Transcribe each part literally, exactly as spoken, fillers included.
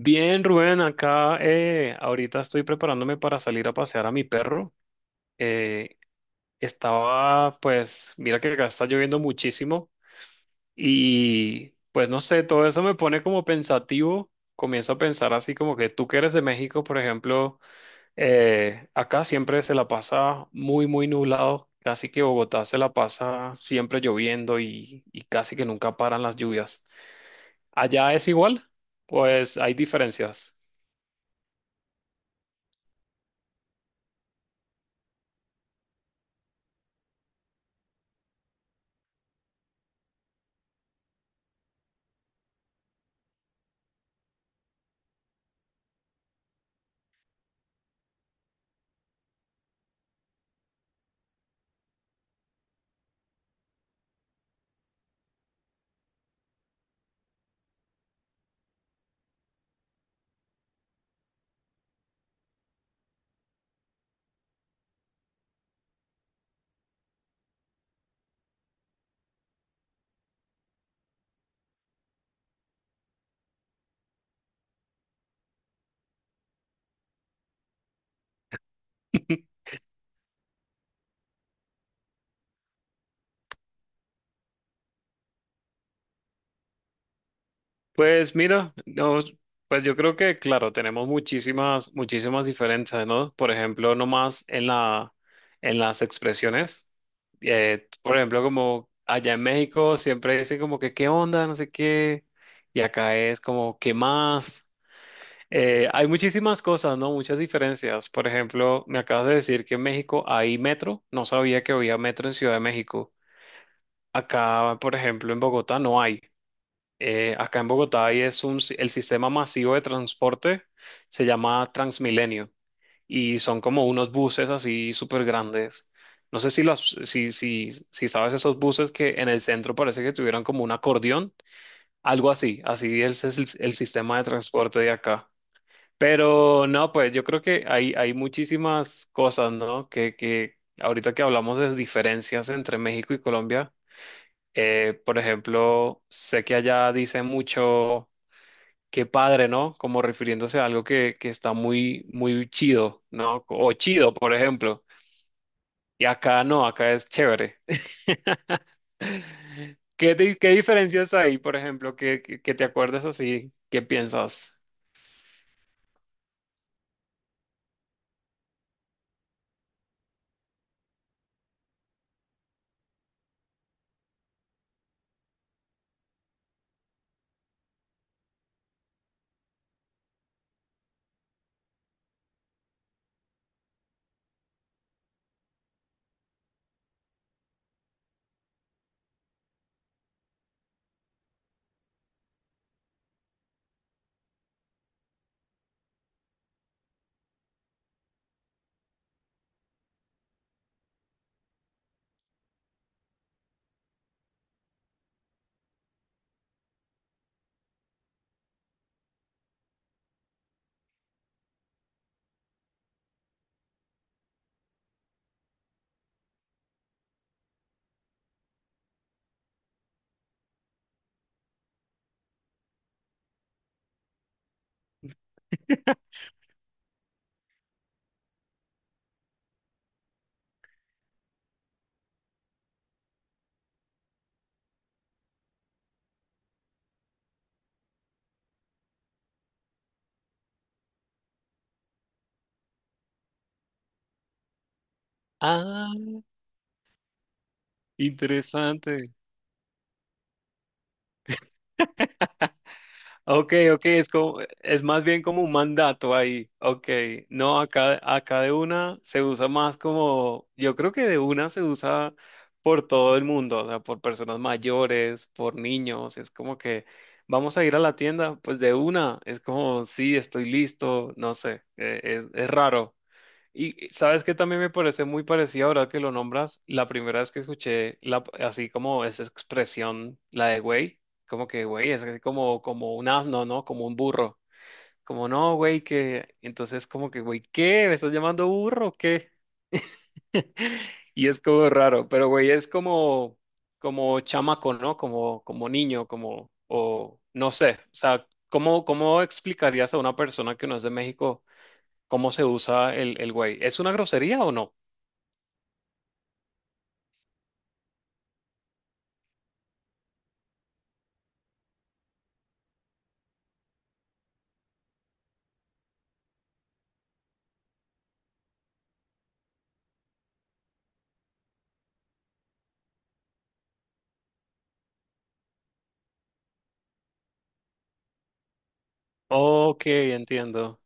Bien, Rubén, acá eh, ahorita estoy preparándome para salir a pasear a mi perro. Eh, Estaba, pues, mira que acá está lloviendo muchísimo y pues no sé, todo eso me pone como pensativo. Comienzo a pensar así como que tú que eres de México, por ejemplo, eh, acá siempre se la pasa muy, muy nublado. Casi que Bogotá se la pasa siempre lloviendo y, y casi que nunca paran las lluvias. ¿Allá es igual? Pues hay diferencias. Pues mira, no, pues yo creo que, claro, tenemos muchísimas, muchísimas diferencias, ¿no? Por ejemplo, nomás en la, en las expresiones. Eh, por ejemplo, como allá en México siempre dicen como que qué onda, no sé qué, y acá es como qué más. Eh, hay muchísimas cosas, ¿no? Muchas diferencias. Por ejemplo, me acabas de decir que en México hay metro. No sabía que había metro en Ciudad de México. Acá, por ejemplo, en Bogotá no hay. Eh, acá en Bogotá y es un, si- el sistema masivo de transporte se llama Transmilenio y son como unos buses así súper grandes. No sé si, los, si, si, si sabes esos buses que en el centro parece que tuvieran como un acordeón, algo así, así es, el, el sistema de transporte de acá. Pero no, pues yo creo que hay, hay muchísimas cosas, ¿no? Que, que ahorita que hablamos de diferencias entre México y Colombia, eh, por ejemplo, sé que allá dicen mucho qué padre, ¿no? Como refiriéndose a algo que, que está muy, muy chido, ¿no? O chido, por ejemplo. Y acá no, acá es chévere. ¿Qué, di- qué diferencias hay, por ejemplo, que, que, que te acuerdas así? ¿Qué piensas? Ah, interesante. Ok, ok, es como, es más bien como un mandato ahí. Ok, no, acá, acá de una se usa más como, yo creo que de una se usa por todo el mundo, o sea, por personas mayores, por niños, es como que vamos a ir a la tienda, pues de una, es como, sí, estoy listo, no sé, eh, es, es raro. Y sabes que también me parece muy parecido ahora que lo nombras. La primera vez que escuché la, así como esa expresión, la de güey, como que güey, es así como, como un asno, ¿no? Como un burro. Como no, güey, que. Entonces, como que güey, ¿qué? ¿Me estás llamando burro o qué? Y es como raro, pero güey, es como, como chamaco, ¿no? Como, como niño, como, o no sé. O sea, ¿cómo, cómo explicarías a una persona que no es de México cómo se usa el, el güey? ¿Es una grosería o no? Ok, entiendo.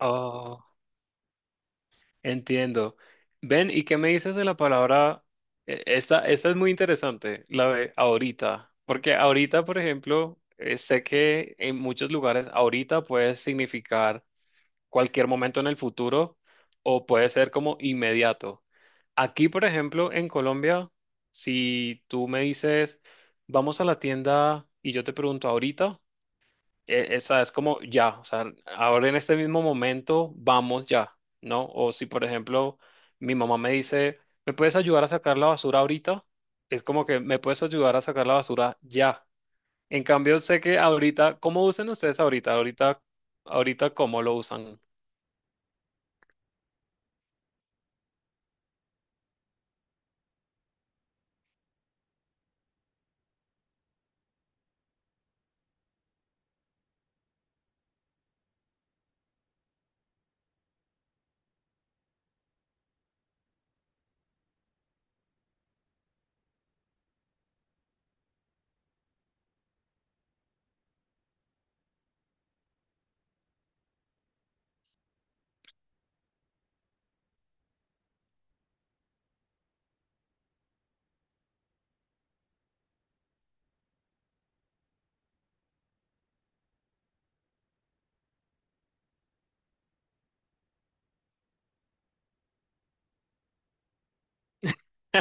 Oh, entiendo. Ven, ¿y qué me dices de la palabra? E- Esta, esta es muy interesante, la de ahorita, porque ahorita, por ejemplo, eh, sé que en muchos lugares ahorita puede significar cualquier momento en el futuro o puede ser como inmediato. Aquí, por ejemplo, en Colombia, si tú me dices, vamos a la tienda y yo te pregunto ahorita. e- Esa es como ya, o sea, ahora en este mismo momento vamos ya, ¿no? O si, por ejemplo, mi mamá me dice, ¿me puedes ayudar a sacar la basura ahorita? Es como que me puedes ayudar a sacar la basura ya. En cambio, sé que ahorita, ¿cómo usan ustedes ahorita? Ahorita, ahorita, ¿cómo lo usan?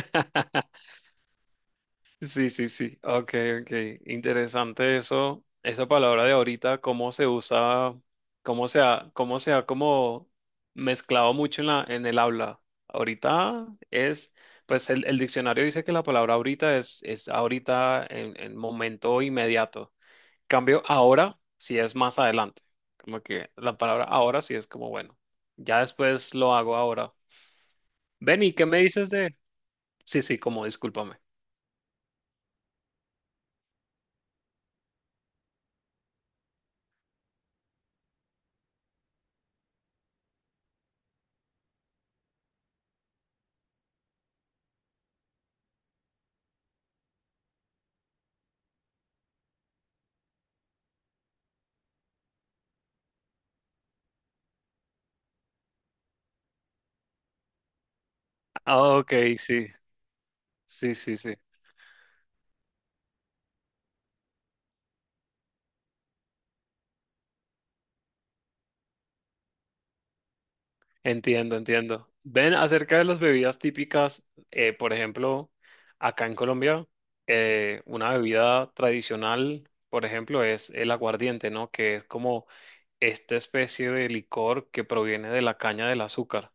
Sí, sí, sí. Ok, ok. Interesante eso. Esa palabra de ahorita, cómo se usa, cómo se ha, cómo se ha como mezclado mucho en la, en el habla. Ahorita es, pues el, el diccionario dice que la palabra ahorita es, es ahorita en, en momento inmediato. Cambio ahora si es más adelante. Como que la palabra ahora sí es como, bueno, ya después lo hago ahora. Benny, ¿qué me dices de...? Sí, sí, como discúlpame. Ah, Ok, sí, sí, sí, sí. Entiendo, entiendo. Ven, acerca de las bebidas típicas, eh, por ejemplo, acá en Colombia, eh, una bebida tradicional, por ejemplo, es el aguardiente, ¿no? Que es como esta especie de licor que proviene de la caña del azúcar.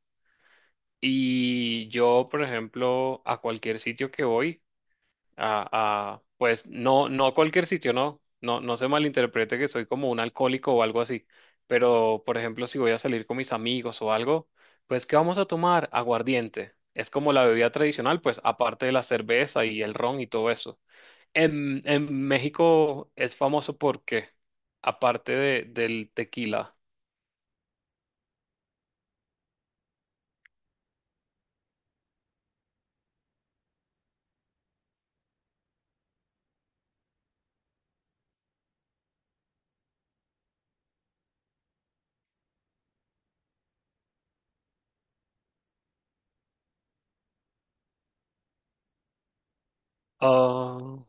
Y yo, por ejemplo, a cualquier sitio que voy, ah, ah, pues no, no a cualquier sitio, no, no, no se malinterprete que soy como un alcohólico o algo así, pero por ejemplo, si voy a salir con mis amigos o algo, pues ¿qué vamos a tomar? Aguardiente. Es como la bebida tradicional, pues aparte de la cerveza y el ron y todo eso. En, en México es famoso porque, aparte de- del tequila, ah,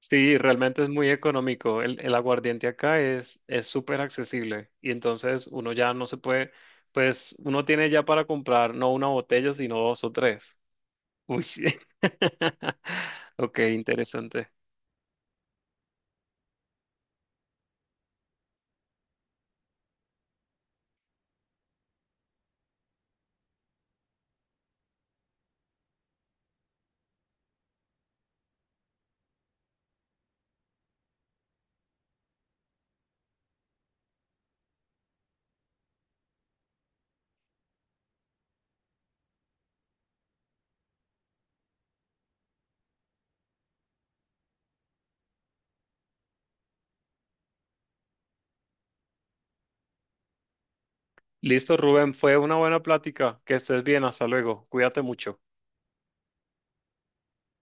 sí, realmente es muy económico. El, el aguardiente acá es es súper accesible y entonces uno ya no se puede, pues uno tiene ya para comprar no una botella, sino dos o tres. Uy, sí. Ok, interesante. Listo, Rubén, fue una buena plática. Que estés bien, hasta luego. Cuídate mucho.